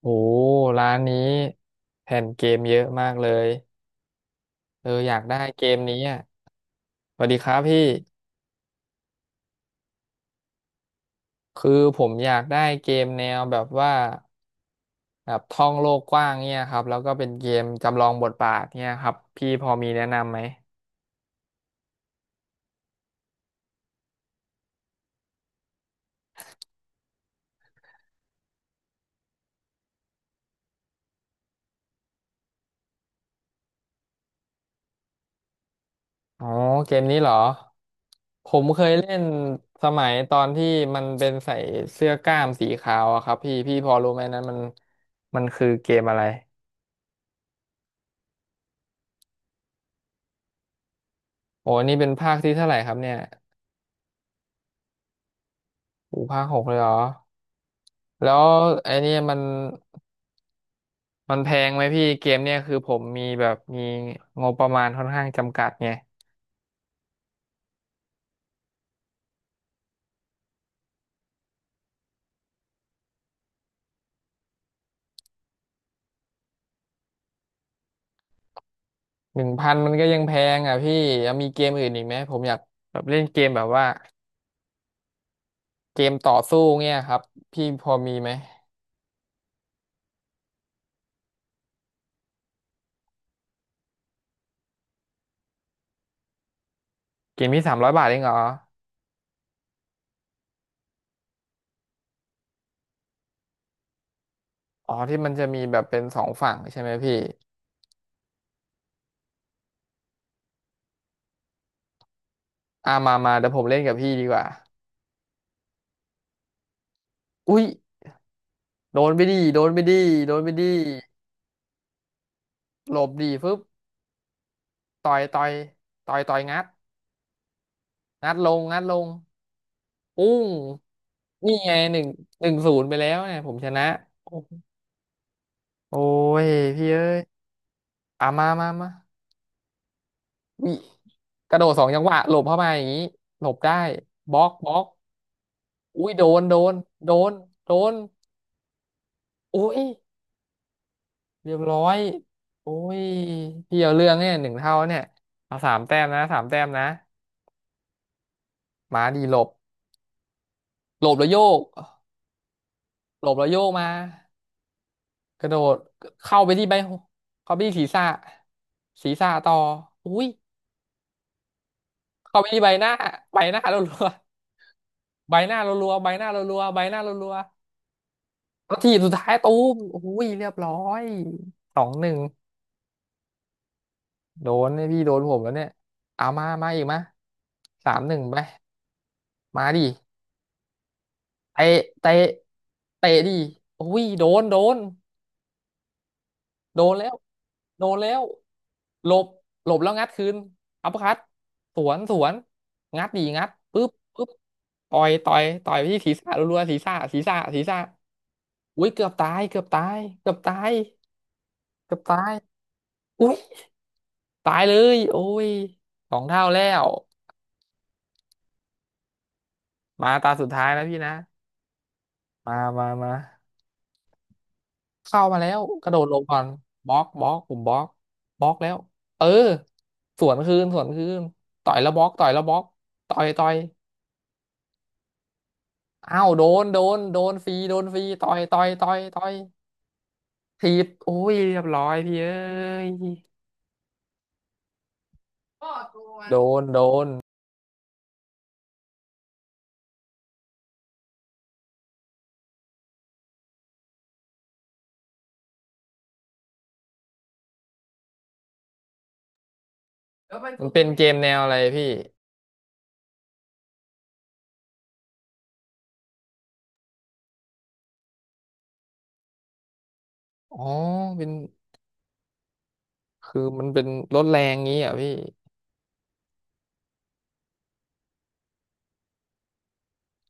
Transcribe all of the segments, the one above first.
โอ้ร้านนี้แผ่นเกมเยอะมากเลยเอออยากได้เกมนี้อ่ะสวัสดีครับพี่คือผมอยากได้เกมแนวแบบว่าแบบท่องโลกกว้างเนี่ยครับแล้วก็เป็นเกมจำลองบทบาทเนี่ยครับพี่พอมีแนะนำไหมอ๋อเกมนี้เหรอผมเคยเล่นสมัยตอนที่มันเป็นใส่เสื้อกล้ามสีขาวอะครับพี่พอรู้ไหมนั้นมันคือเกมอะไรโอ้นี่เป็นภาคที่เท่าไหร่ครับเนี่ยโอ้ภาค 6เลยเหรอ แล้วไอ้เนี่ยมันแพงไหมพี่เกมเนี่ยคือผมมีแบบมีงบประมาณค่อนข้างจำกัดไง1,000มันก็ยังแพงอ่ะพี่ยังมีเกมอื่นอีกไหมผมอยากแบบเล่นเกมแบบว่าเกมต่อสู้เนี่ยครับพี่พอมีไหมเกมที่300 บาทเองเหรออ๋อที่มันจะมีแบบเป็นสองฝั่งใช่ไหมพี่อ่ามามาเดี๋ยวผมเล่นกับพี่ดีกว่าอุ้ยโดนไปดีโดนไปดีโดนไปดีหลบดีฟึบต่อยต่อยต่อยต่อยงัดงัดลงงัดลงปุ้ง นี่ไงหนึ่ง1-0ไปแล้วเนี่ยผมชนะโอ้ยพี่เอ้ยอ่ะมามามาวิกระโดดสองจังหวะหลบเข้ามาอย่างนี้หลบได้บล็อกบล็อกอุ้ยโดนโดนโดนโดนอุ้ยเรียบร้อยโอ้ยพี่เอาเรื่องเนี่ยหนึ่งเท่าเนี่ยเอาสามแต้มนะสามแต้มนะมาดีหลบหลบแล้วโยกหลบแล้วโยกมากระโดดเข้าไปที่ใบหูเข้าไปที่ศีรษะศีรษะต่ออุ้ย เขามีใบหน้าใบหน้ารัวๆใบหน้ารัวๆใบหน้ารัวๆใบหน้ารัวๆแล้วทีบสุดท้ายตูมโอ้ยเรียบร้อย2-1โดนเนี่ยพี่โดนผมแล้วเนี่ยเอามามาอีกมะ3-1ไปมาดิเตะเตะเตะดิโอ้ยโดนโดน โดนแล้วโดนแล้วหลบหลบแล้วงัดคืนอัปเปอร์คัตสวนสวนงัดดีงัดปึ๊บปึ๊บต่อยต่อยต่อยไปที่ศีรษะรัวๆศีรษะศีรษะศีรษะอุ้ยเกือบตายเกือบตายเกือบตายเกือบตายอุ้ยตายเลยโอ้ย2 เท่าแล้วมาตาสุดท้ายนะพี่นะมามามา เข้ามาแล้วกระโดดลงก่อนบล็อกบล็อกผมบล็อกบล็อกแล้วเออสวนคืนสวนคืนต่อยแล้วบล็อกต่อยแล้วบล็อกต่อยต่อยอ้าวโดนโดนโดนฟรีโดนฟรีต่อยต่อยต่อยต่อยถีบโอ้ยเรียบร้อยพี่เอ้ยโดนโดนมันเป็นเกมแนวอะไรพี่อ๋อเป็นคือมันเป็นรถแรงงี้อ่ะพี่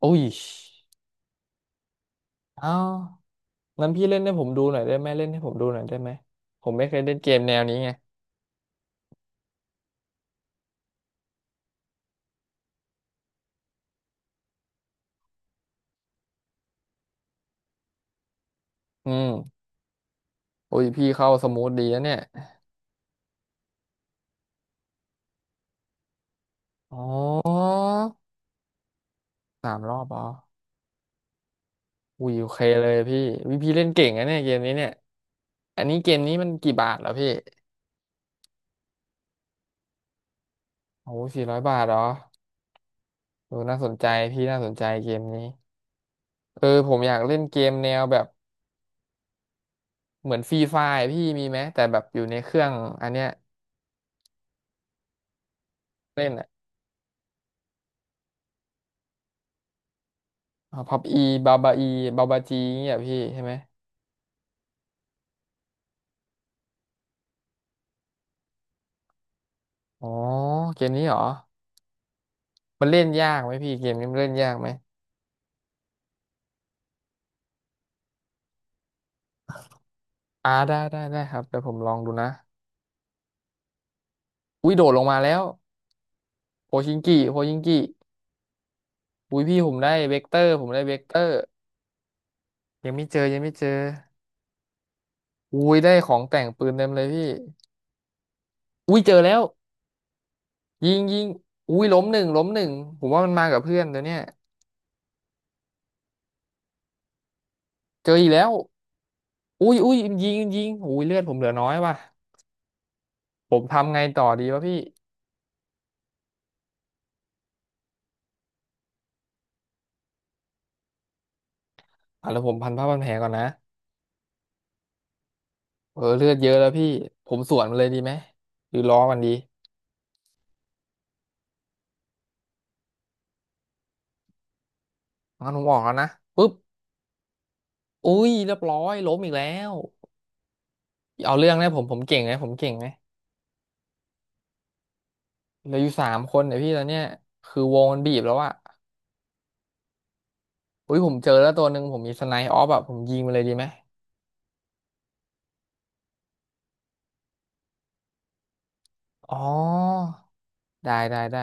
โอ้ยอ้าวงั้นพี่เล่นให้ผมดูหน่อยได้ไหมเล่นให้ผมดูหน่อยได้ไหมผมไม่เคยเล่นเกมแนวนี้ไงอืม อุ้ยพี่เข้าสมูทดีนะเนี่ยอ๋อ3 รอบอ๋ออุ้ยโอเคเลยพี่วิพี่เล่นเก่งนะเนี่ยเกมนี้เนี่ย อันนี้เกมนี้มันกี่บาทเหรอพี่โอ้400 บาทเหรอดูน่าสนใจพี่น่าสนใจเกมนี้ เออผมอยากเล่นเกมแนวแบบเหมือนฟรีไฟร์พี่มีไหมแต่แบบอยู่ในเครื่องอันเนี้ยเล่นอะพับอีบาบาอีบาบาจีเนี่ยพี่ใช่ไหมอ๋อเกมนี้เหรอมันเล่นยากไหมพี่เกมนี้มันเล่นยากไหมอ่าได้ได้ได้ครับเดี๋ยวผมลองดูนะ อุ้ยโดดลงมาแล้วโพชิงกิโพชิงกิอุ้ยพี่ผมได้เวกเตอร์ผมได้เวกเตอร์ยังไม่เจอยังไม่เจออุ้ยได้ของแต่งปืนเต็มเลยพี่อุ้ยเจอแล้วยิงยิงอุ้ยล้มหนึ่งล้มหนึ่งผมว่ามันมากับเพื่อนตัวเนี้ยเจออีกแล้วอุ้ยอุ้ยยิงยิงอุ้ยเลือดผมเหลือน้อยว่ะผมทำไงต่อดีวะพี่อ่ะแล้วผมพันผ้าพันแผลก่อนนะเออเลือดเยอะแล้วพี่ผมสวนมันเลยดีไหมหรือล้อมันดีงั้นผมออกแล้วนะปุ๊บอุ้ยเรียบร้อยล้มอีกแล้วเอาเรื่องนะผมเก่งไหมผมเก่งไหม เหลืออยู่3 คนเนี่ยพี่ตอนเนี้ยคือวงมันบีบแล้วอะอุ้ยผมเจอแล้วตัวหนึ่งผมมีสไนป์ออฟอะผมยิงมันเลยดีไหมอ๋อได้ได้ได้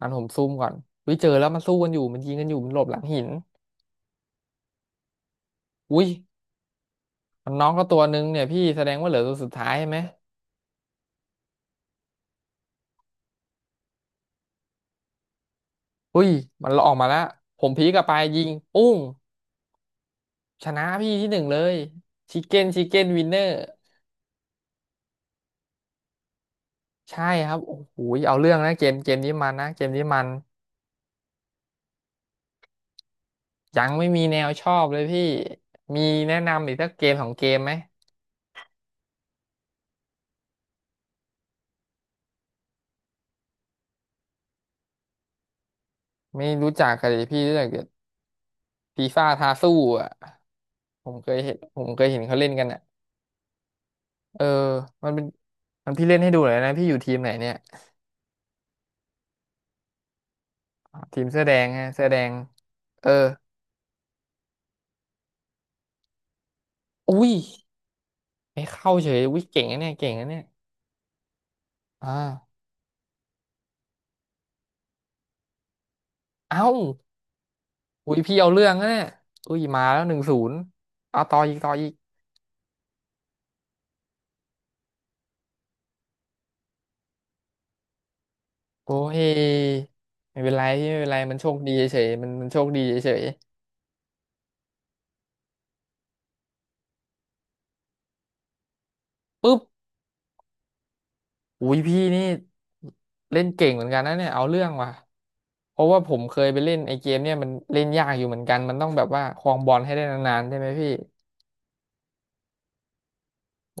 งั้นผมซุ่มก่อนอุ้ยเจอแล้วมันสู้กันอยู่มันยิงกันอยู่มันหลบหลังหินอุ้ยมันน้องก็ตัวหนึ่งเนี่ยพี่แสดงว่าเหลือตัวสุดท้ายใช่ไหมอุ้ยมันออกมาแล้วผมพีกลับไปยิงปุ้งชนะพี่ที่ 1เลยชิคเก้นชิคเก้นวินเนอร์ใช่ครับโอ้โหเอาเรื่องนะเกมนี้มันนะเกมนี้มัน ยังไม่มีแนวชอบเลยพี่ มีแนะนำอีกสักเกมของเกมไหมไม่รู้จักกันเลยพี่รู้จักแต่ฟีฟ่าทาสู้อ่ะผมเคยเห็นเขาเล่นกันอ่ะเออมันเป็นมันพี่เล่นให้ดูหน่อยนะพี่อยู่ทีมไหนเนี่ยทีมเสื้อแดงฮะเสื้อแดงเอออุ้ยไม่เข้าเฉยอุ้ยเก่งนะเนี่ยอ่าเอ้าอุ้ยพี่เอาเรื่องนะเนี่ยอุ้ยมาแล้วหนึ่งศูนย์เอาต่ออีกต่ออีกโอ้ยไม่เป็นไรพี่ไม่เป็นไรมันโชคดีเฉยๆมันโชคดีเฉยๆปุ๊บ อุ้ยพี่นี่เล่นเก่งเหมือนกันนะเนี่ยเอาเรื่องว่ะเพราะว่าผมเคยไปเล่นไอ้เกมเนี่ยมันเล่นยากอยู่เหมือนกันมันต้องแบบว่าครองบอลให้ได้นานๆใช่ไหมพี่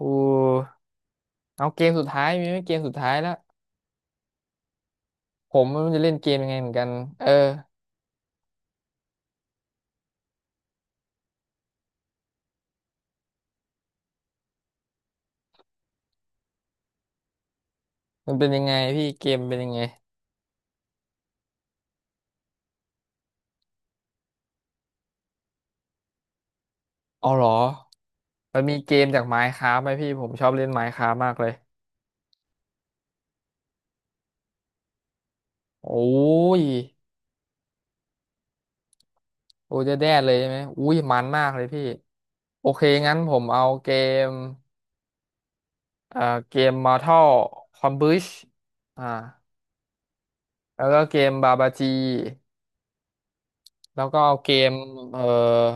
อู้เอาเกมสุดท้ายมีไหมเกมสุดท้ายแล้วผมไมันจะเล่นเกมยังไงเหมือนกันเออมันเป็นยังไงพี่เกมเป็นยังไงอ๋อเหรอมันมีเกมจาก Minecraft ไหมพี่ผมชอบเล่น Minecraft มากเลยโอ้ยโอ้ยจะแด้เลยใช่ไหมอุ้ยมันมากเลยพี่โอเคงั้นผมเอาเกม เอ่อเกม Mortal Kombat อ่าแล้วก็เกมบาบาจีแล้วก็เอาเกมเอ่อ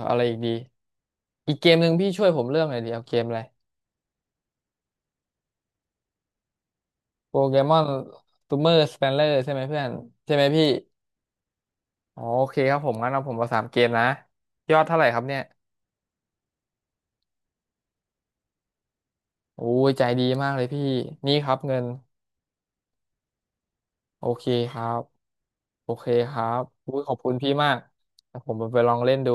อะไรอีกดี อีกเกมหนึ่งพี่ช่วยผมเลือกหน่อยดีเอาเกมอะไรโปเกมอนซูเมอร์สเปนเลอร์ใช่ไหมเพื่อน ใช่ไหมพี่อ๋อโอเคครับผมงั้นเอาผมมา3 เกมนะ ยอดเท่าไหร่ครับเนี่ย โอ้ยใจดีมากเลยพี่ นี่ครับเงิน โอเคครับ โอเคครับอุ้ยขอบคุณพี่มากเดี๋ยวผมไปลองเล่นดู